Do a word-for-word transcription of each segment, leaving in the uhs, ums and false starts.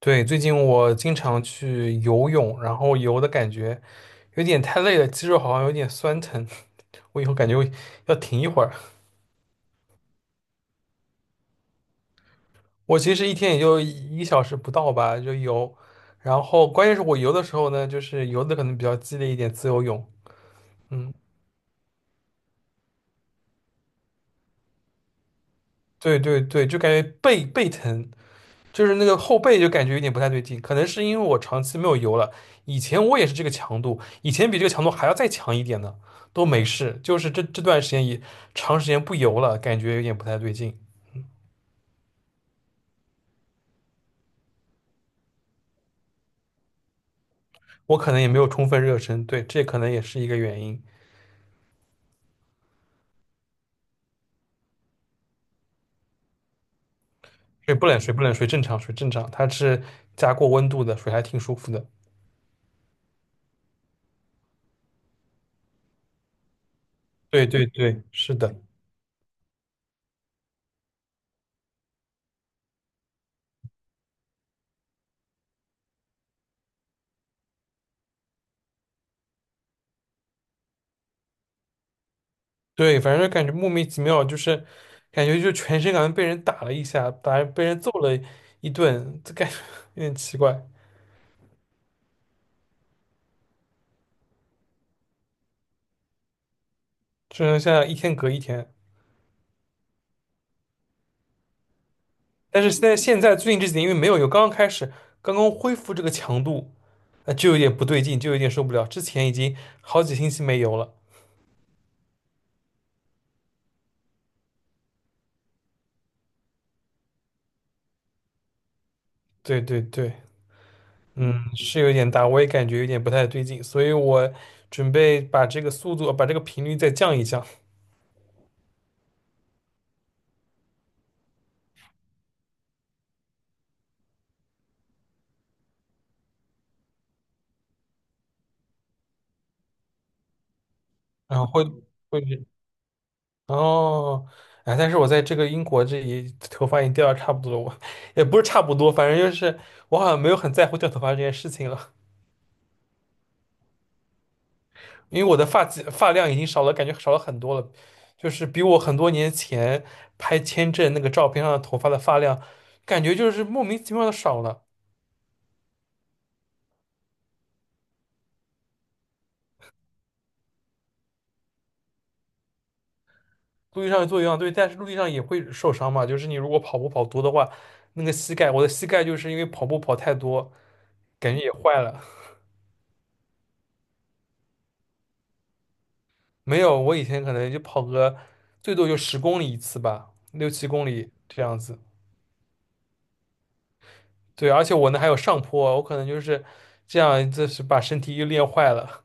对，最近我经常去游泳，然后游的感觉有点太累了，肌肉好像有点酸疼，我以后感觉我要停一会儿。我其实一天也就一个小时不到吧，就游，然后关键是我游的时候呢，就是游的可能比较激烈一点，自由泳，嗯，对对对，就感觉背背疼，就是那个后背就感觉有点不太对劲，可能是因为我长期没有游了。以前我也是这个强度，以前比这个强度还要再强一点呢，都没事。就是这这段时间也长时间不游了，感觉有点不太对劲。我可能也没有充分热身，对，这可能也是一个原因。水不冷，水不冷，水正常，水正常，它是加过温度的，水还挺舒服的。对对对，是的，对，反正感觉莫名其妙，就是感觉就全身感觉被人打了一下，打被人揍了一顿，这感觉 有点奇怪。就是现在一天隔一天，但是现在现在最近这几天因为没有有刚刚开始，刚刚恢复这个强度，那就有点不对劲，就有点受不了。之前已经好几星期没油了，对对对，嗯，是有点大，我也感觉有点不太对劲，所以我准备把这个速度，把这个频率再降一降，然后会会哦，哎，但是我在这个英国这里头发已经掉的差不多了，我 也不是差不多，反正就是我好像没有很在乎掉头发这件事情了。因为我的发际发量已经少了，感觉少了很多了，就是比我很多年前拍签证那个照片上的头发的发量，感觉就是莫名其妙的少了。陆地上做有氧对，但是陆地上也会受伤嘛，就是你如果跑步跑多的话，那个膝盖，我的膝盖就是因为跑步跑太多，感觉也坏了。没有，我以前可能就跑个最多就十公里一次吧，六七公里这样子。对，而且我那还有上坡，我可能就是这样，就是把身体又练坏了。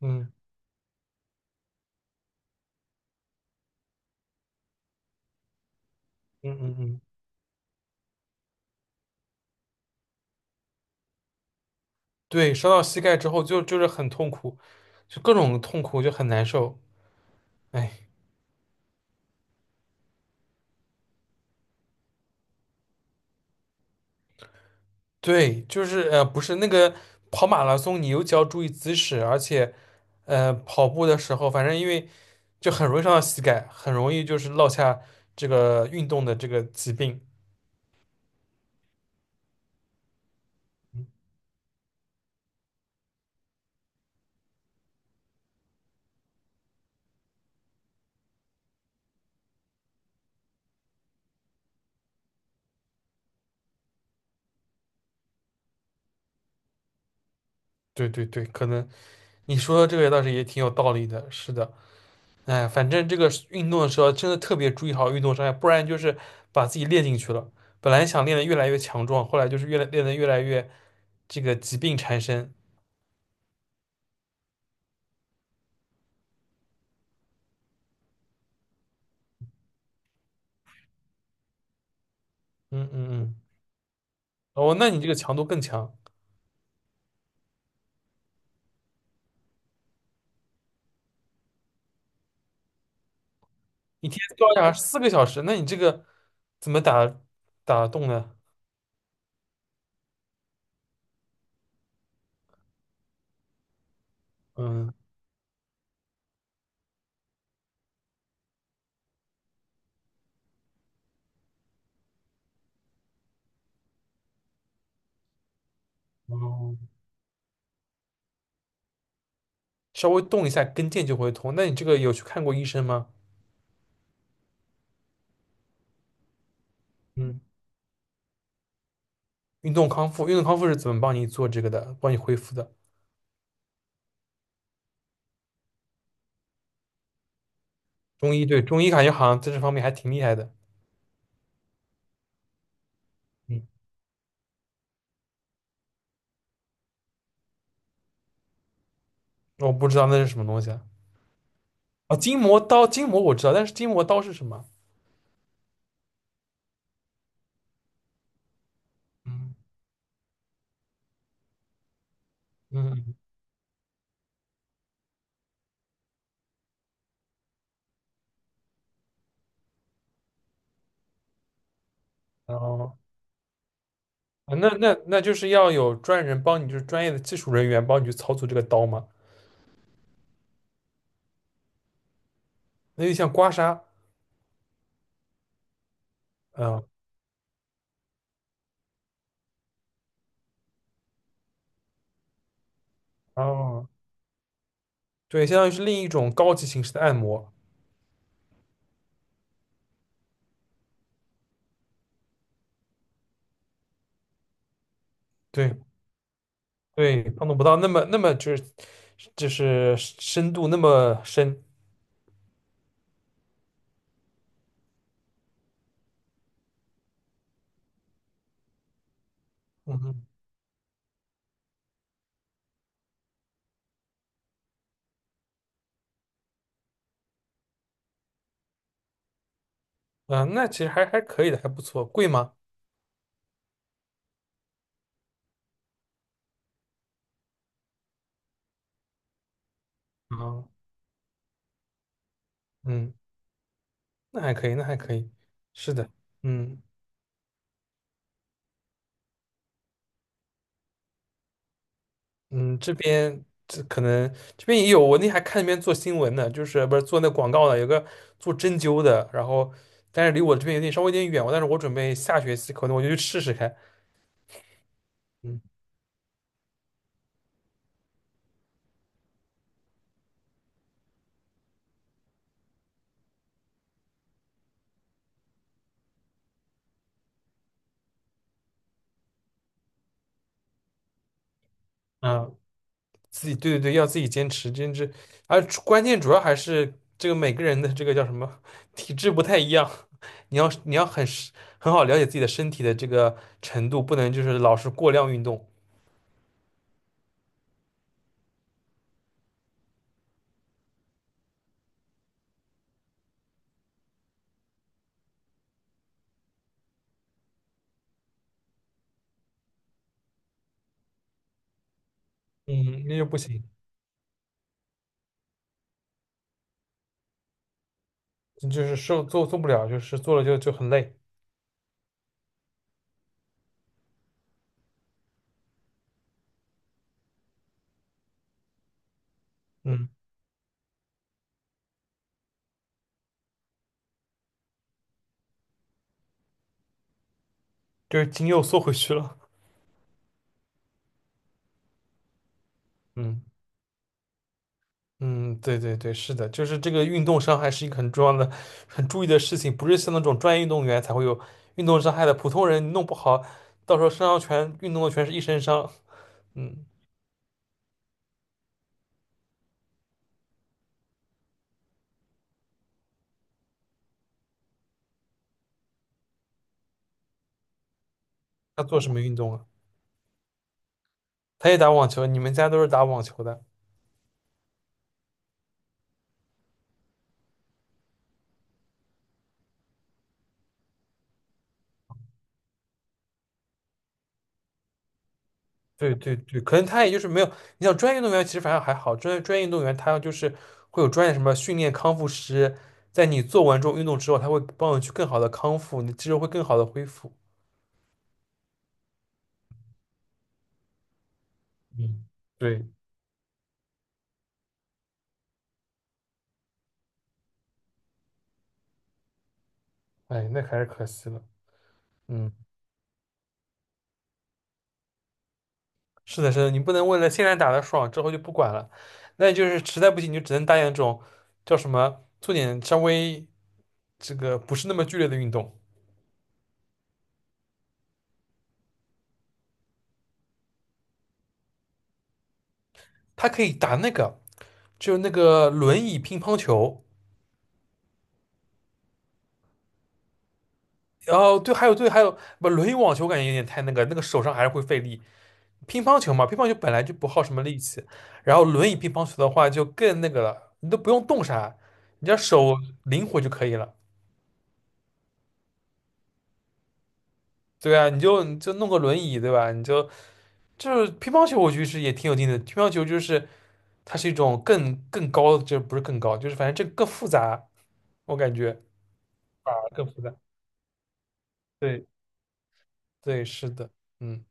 嗯嗯嗯嗯。对，伤到膝盖之后就就是很痛苦，就各种痛苦，就很难受。哎，对，就是呃，不是那个跑马拉松，你尤其要注意姿势，而且呃，跑步的时候，反正因为就很容易伤到膝盖，很容易就是落下这个运动的这个疾病。嗯对对对，可能你说的这个倒是也挺有道理的，是的。哎，反正这个运动的时候真的特别注意好运动伤害，不然就是把自己练进去了。本来想练得越来越强壮，后来就是越来练得越来越这个疾病缠身。嗯嗯嗯，哦，那你这个强度更强，一天高达四个小时，那你这个怎么打打得动呢？嗯，哦，稍微动一下跟腱就会痛。那你这个有去看过医生吗？嗯，运动康复，运动康复是怎么帮你做这个的，帮你恢复的？中医，对，中医感觉好像在这方面还挺厉害的。嗯我不知道那是什么东西啊。啊，筋膜刀，筋膜我知道，但是筋膜刀是什么？嗯嗯，然后啊，那那那就是要有专人帮你，就是专业的技术人员帮你去操作这个刀嘛。那就像刮痧，嗯，哦，对，相当于是另一种高级形式的按摩。对对，碰触不到那么那么就是就是深度那么深。嗯哼，嗯，那其实还还可以的，还不错。贵吗？啊，嗯，那还可以，那还可以。是的，嗯。嗯，这边这可能这边也有，我那还看那边做新闻呢，就是不是做那广告的，有个做针灸的，然后但是离我这边有点稍微有点远，但是我准备下学期可能我就去试试看。嗯啊，自己对对对，要自己坚持坚持，而主关键主要还是这个每个人的这个叫什么体质不太一样，你要你要很是很好了解自己的身体的这个程度，不能就是老是过量运动，嗯，那就不行，就是受做做不了，就是做了就就很累。嗯。就是筋又缩回去了。嗯嗯，对对对，是的，就是这个运动伤害是一个很重要的、很注意的事情，不是像那种专业运动员才会有运动伤害的，普通人你弄不好，到时候身上全运动的全是一身伤。嗯，他做什么运动啊？他也打网球，你们家都是打网球的。对对对，可能他也就是没有，你像专业运动员其实反而还好，专业专业运动员他就是会有专业什么训练康复师，在你做完这种运动之后，他会帮你去更好的康复，你的肌肉会更好的恢复。嗯，对。哎，那还是可惜了。嗯，是的，是的，你不能为了现在打的爽，之后就不管了。那就是实在不行，你就只能搭点这种叫什么，做点稍微这个不是那么剧烈的运动。他可以打那个，就那个轮椅乒乓球。哦，对，还有对，还有不轮椅网球，我感觉有点太那个，那个手上还是会费力。乒乓球嘛，乒乓球本来就不耗什么力气，然后轮椅乒乓球的话就更那个了，你都不用动啥，你只要手灵活就可以了。对啊，你就你就弄个轮椅，对吧？你就就是乒乓球，我觉得是也挺有劲的。乒乓球就是它是一种更更高的，这不是更高，就是反正这更复杂，我感觉啊更复杂。对对，是的，嗯，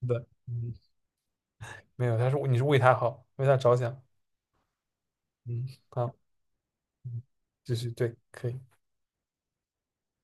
是的，嗯，没有，他是你是为他好，为他着想，嗯，好，嗯，就是对，可以。